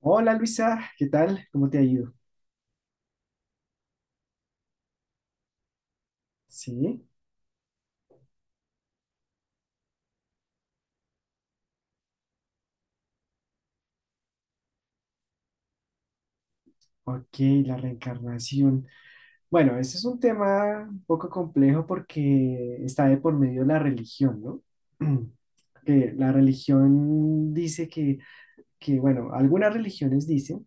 Hola Luisa, ¿qué tal? ¿Cómo te ha ido? Sí, ok, la reencarnación. Bueno, ese es un tema un poco complejo porque está de por medio la religión, ¿no? Que la religión dice que, bueno, algunas religiones dicen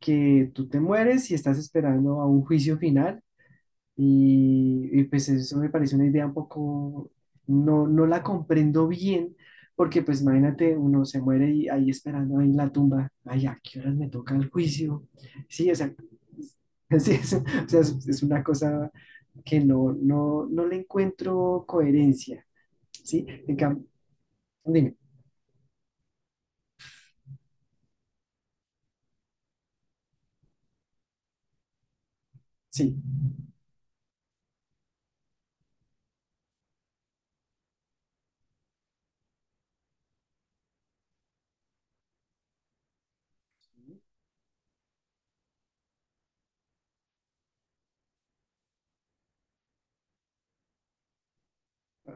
que tú te mueres y estás esperando a un juicio final. Y, pues eso me parece una idea un poco, no la comprendo bien, porque pues imagínate, uno se muere y ahí esperando ahí en la tumba, ay, ¿a qué horas me toca el juicio? Sí, o sea, sí, es, o sea, es una cosa que no le encuentro coherencia, ¿sí? Dime, sí,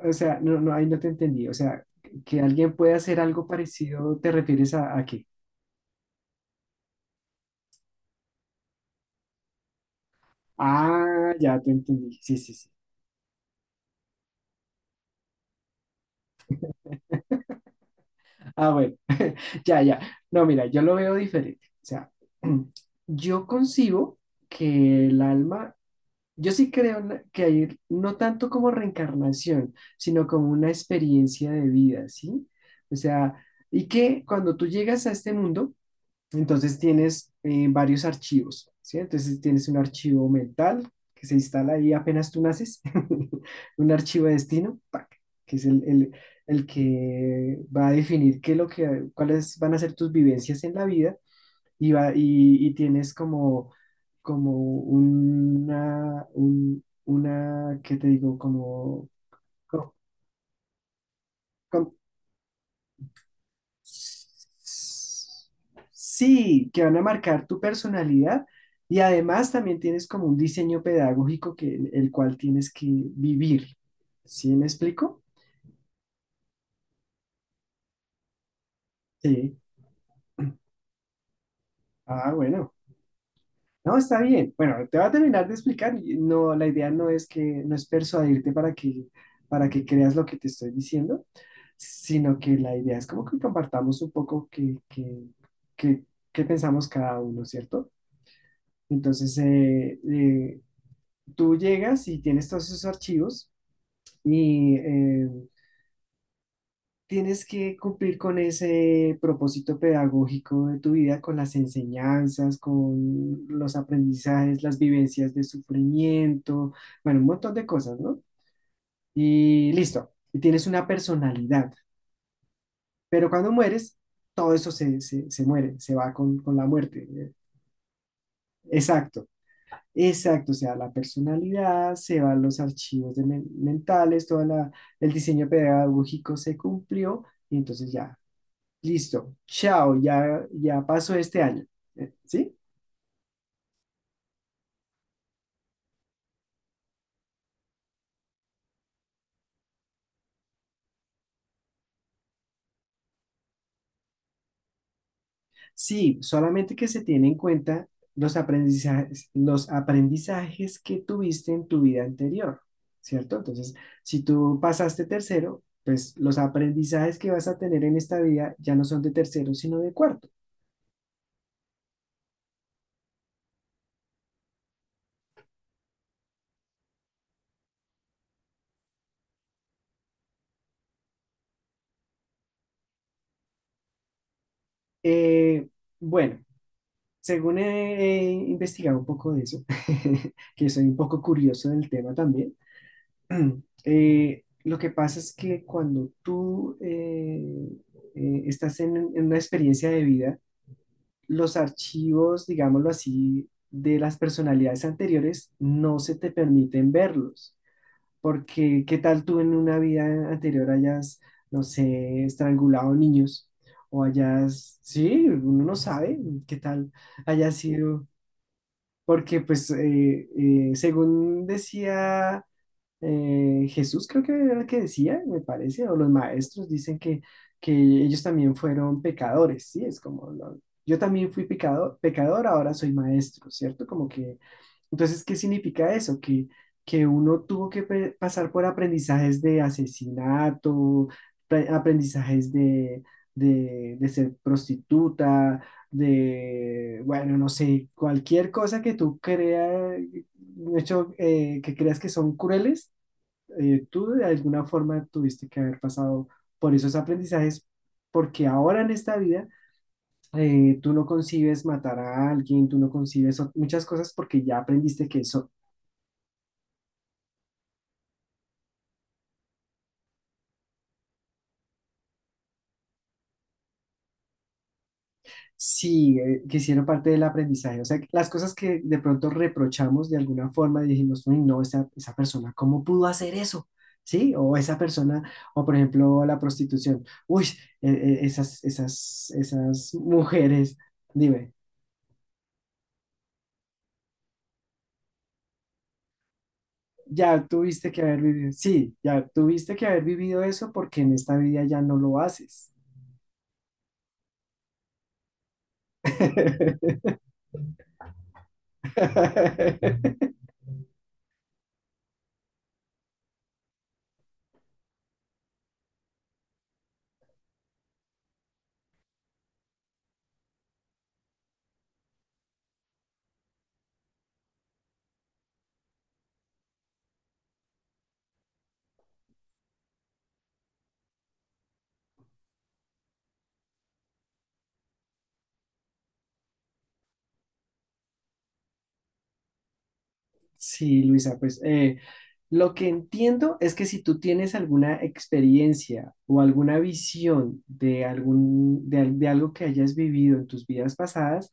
o sea, no, ahí no te entendí, o sea, que alguien pueda hacer algo parecido, ¿te refieres a qué? Ah, ya te entendí, sí, sí, sí. Ah, bueno, ya, ya. No, mira, yo lo veo diferente. O sea, yo concibo que el alma, yo sí creo en que hay no tanto como reencarnación, sino como una experiencia de vida, ¿sí? O sea, y que cuando tú llegas a este mundo, entonces tienes varios archivos, ¿sí? Entonces tienes un archivo mental que se instala ahí apenas tú naces, un archivo de destino, ¡pac! Que es el, el que va a definir qué es lo que, cuáles van a ser tus vivencias en la vida y, va, y tienes como una, ¿qué te digo? Como. Sí, que van a marcar tu personalidad y además también tienes como un diseño pedagógico que el cual tienes que vivir. ¿Sí me explico? Sí. Ah, bueno. No, está bien. Bueno, te voy a terminar de explicar. Y no, la idea no es que no es persuadirte para que creas lo que te estoy diciendo, sino que la idea es como que compartamos un poco qué qué pensamos cada uno, ¿cierto? Entonces, tú llegas y tienes todos esos archivos y tienes que cumplir con ese propósito pedagógico de tu vida, con las enseñanzas, con los aprendizajes, las vivencias de sufrimiento, bueno, un montón de cosas, ¿no? Y listo, y tienes una personalidad, pero cuando mueres, todo eso se muere, se va con la muerte, ¿no? Exacto. Exacto, o sea, la personalidad, se van los archivos de mentales, todo el diseño pedagógico se cumplió y entonces ya, listo, chao, ya, pasó este año. ¿Sí? Sí, solamente que se tiene en cuenta los aprendizajes que tuviste en tu vida anterior, ¿cierto? Entonces, si tú pasaste tercero, pues los aprendizajes que vas a tener en esta vida ya no son de tercero, sino de cuarto. Eh, bueno. Según he investigado un poco de eso, que soy un poco curioso del tema también, lo que pasa es que cuando tú estás en una experiencia de vida, los archivos, digámoslo así, de las personalidades anteriores no se te permiten verlos, porque qué tal tú en una vida anterior hayas, no sé, estrangulado niños o hayas, sí, uno no sabe, qué tal haya sido, porque pues según decía Jesús, creo que era el que decía, me parece, o los maestros dicen que ellos también fueron pecadores, ¿sí? Es como, yo también fui pecador, ahora soy maestro, ¿cierto? Como que entonces, ¿qué significa eso? Que uno tuvo que pasar por aprendizajes de asesinato, aprendizajes de, de ser prostituta, de, bueno, no sé, cualquier cosa que tú creas, de hecho, que creas que son crueles, tú de alguna forma tuviste que haber pasado por esos aprendizajes, porque ahora en esta vida tú no concibes matar a alguien, tú no concibes muchas cosas porque ya aprendiste que eso. Sí, que hicieron parte del aprendizaje. O sea, que las cosas que de pronto reprochamos de alguna forma y dijimos, uy, no, esa persona, ¿cómo pudo hacer eso? ¿Sí? O esa persona, o por ejemplo, la prostitución. Uy, esas mujeres, dime, ya tuviste que haber vivido, sí, ya tuviste que haber vivido eso porque en esta vida ya no lo haces. Sí, Luisa, pues lo que entiendo es que si tú tienes alguna experiencia o alguna visión de, algún, de, al- de algo que hayas vivido en tus vidas pasadas,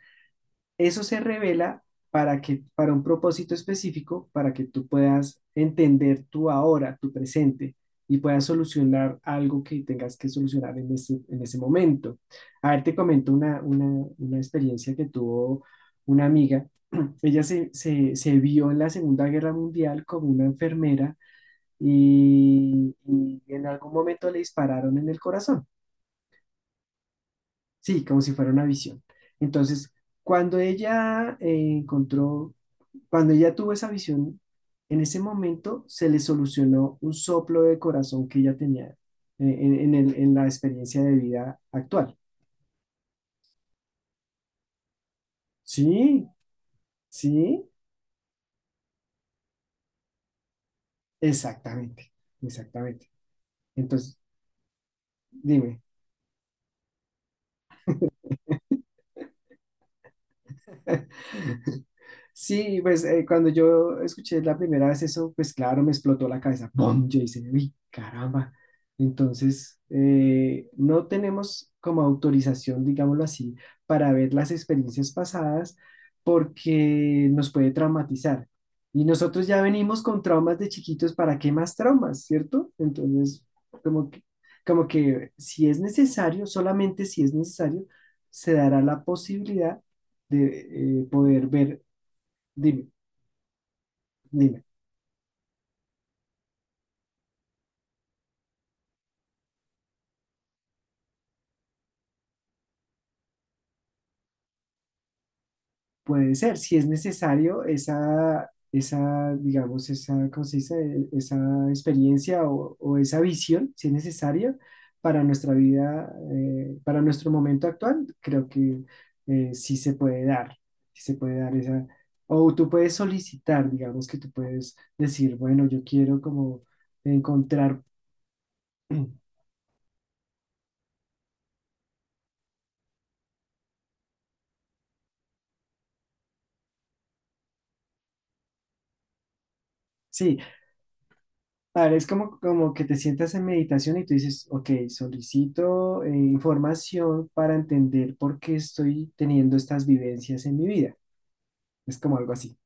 eso se revela para un propósito específico, para que tú puedas entender tu ahora, tu presente, y puedas solucionar algo que tengas que solucionar en ese momento. A ver, te comento una experiencia que tuvo una amiga. Ella se vio en la Segunda Guerra Mundial como una enfermera y en algún momento le dispararon en el corazón, sí, como si fuera una visión. Entonces, cuando ella eh, encontró, cuando ella tuvo esa visión, en ese momento se le solucionó un soplo de corazón que ella tenía en, en la experiencia de vida actual. Sí, sí, exactamente, exactamente. Entonces, dime. Sí, pues cuando yo escuché la primera vez eso, pues claro, me explotó la cabeza. ¡Pum! Yo dije, uy, caramba. Entonces, no tenemos como autorización, digámoslo así, para ver las experiencias pasadas porque nos puede traumatizar. Y nosotros ya venimos con traumas de chiquitos, ¿para qué más traumas, cierto? Entonces, como que, como que si es necesario, solamente si es necesario, se dará la posibilidad de poder ver. Dime, dime. Puede ser, si es necesario, esa, digamos, esa, ¿cómo se dice? Esa experiencia o esa visión, si es necesario, para nuestra vida, para nuestro momento actual, creo que sí se puede dar, sí se puede dar esa, o tú puedes solicitar, digamos que tú puedes decir, bueno, yo quiero como encontrar, sí, vale, es como, como que te sientas en meditación y tú dices, ok, solicito información para entender por qué estoy teniendo estas vivencias en mi vida. Es como algo así.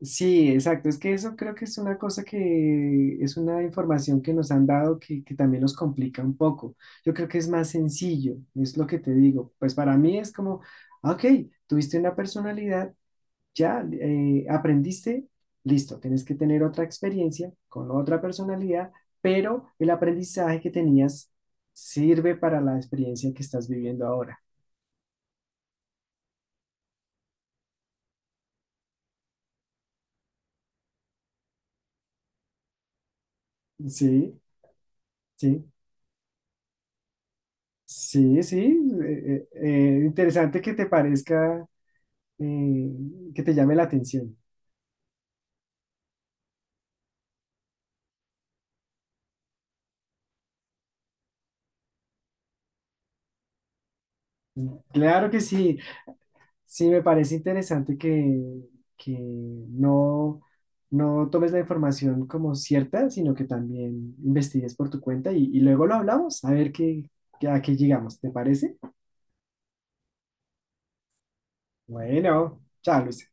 Sí, exacto. Es que eso creo que es una cosa que es una información que nos han dado que también nos complica un poco. Yo creo que es más sencillo, es lo que te digo. Pues para mí es como, ah, ok, tuviste una personalidad. Ya, aprendiste, listo, tienes que tener otra experiencia con otra personalidad, pero el aprendizaje que tenías sirve para la experiencia que estás viviendo ahora. Sí, sí, sí, sí. Interesante que te parezca, eh, que te llame la atención. Claro que sí. Sí, me parece interesante que no, no tomes la información como cierta, sino que también investigues por tu cuenta y luego lo hablamos, a ver qué, a qué llegamos, ¿te parece? Bueno, chao, Luis.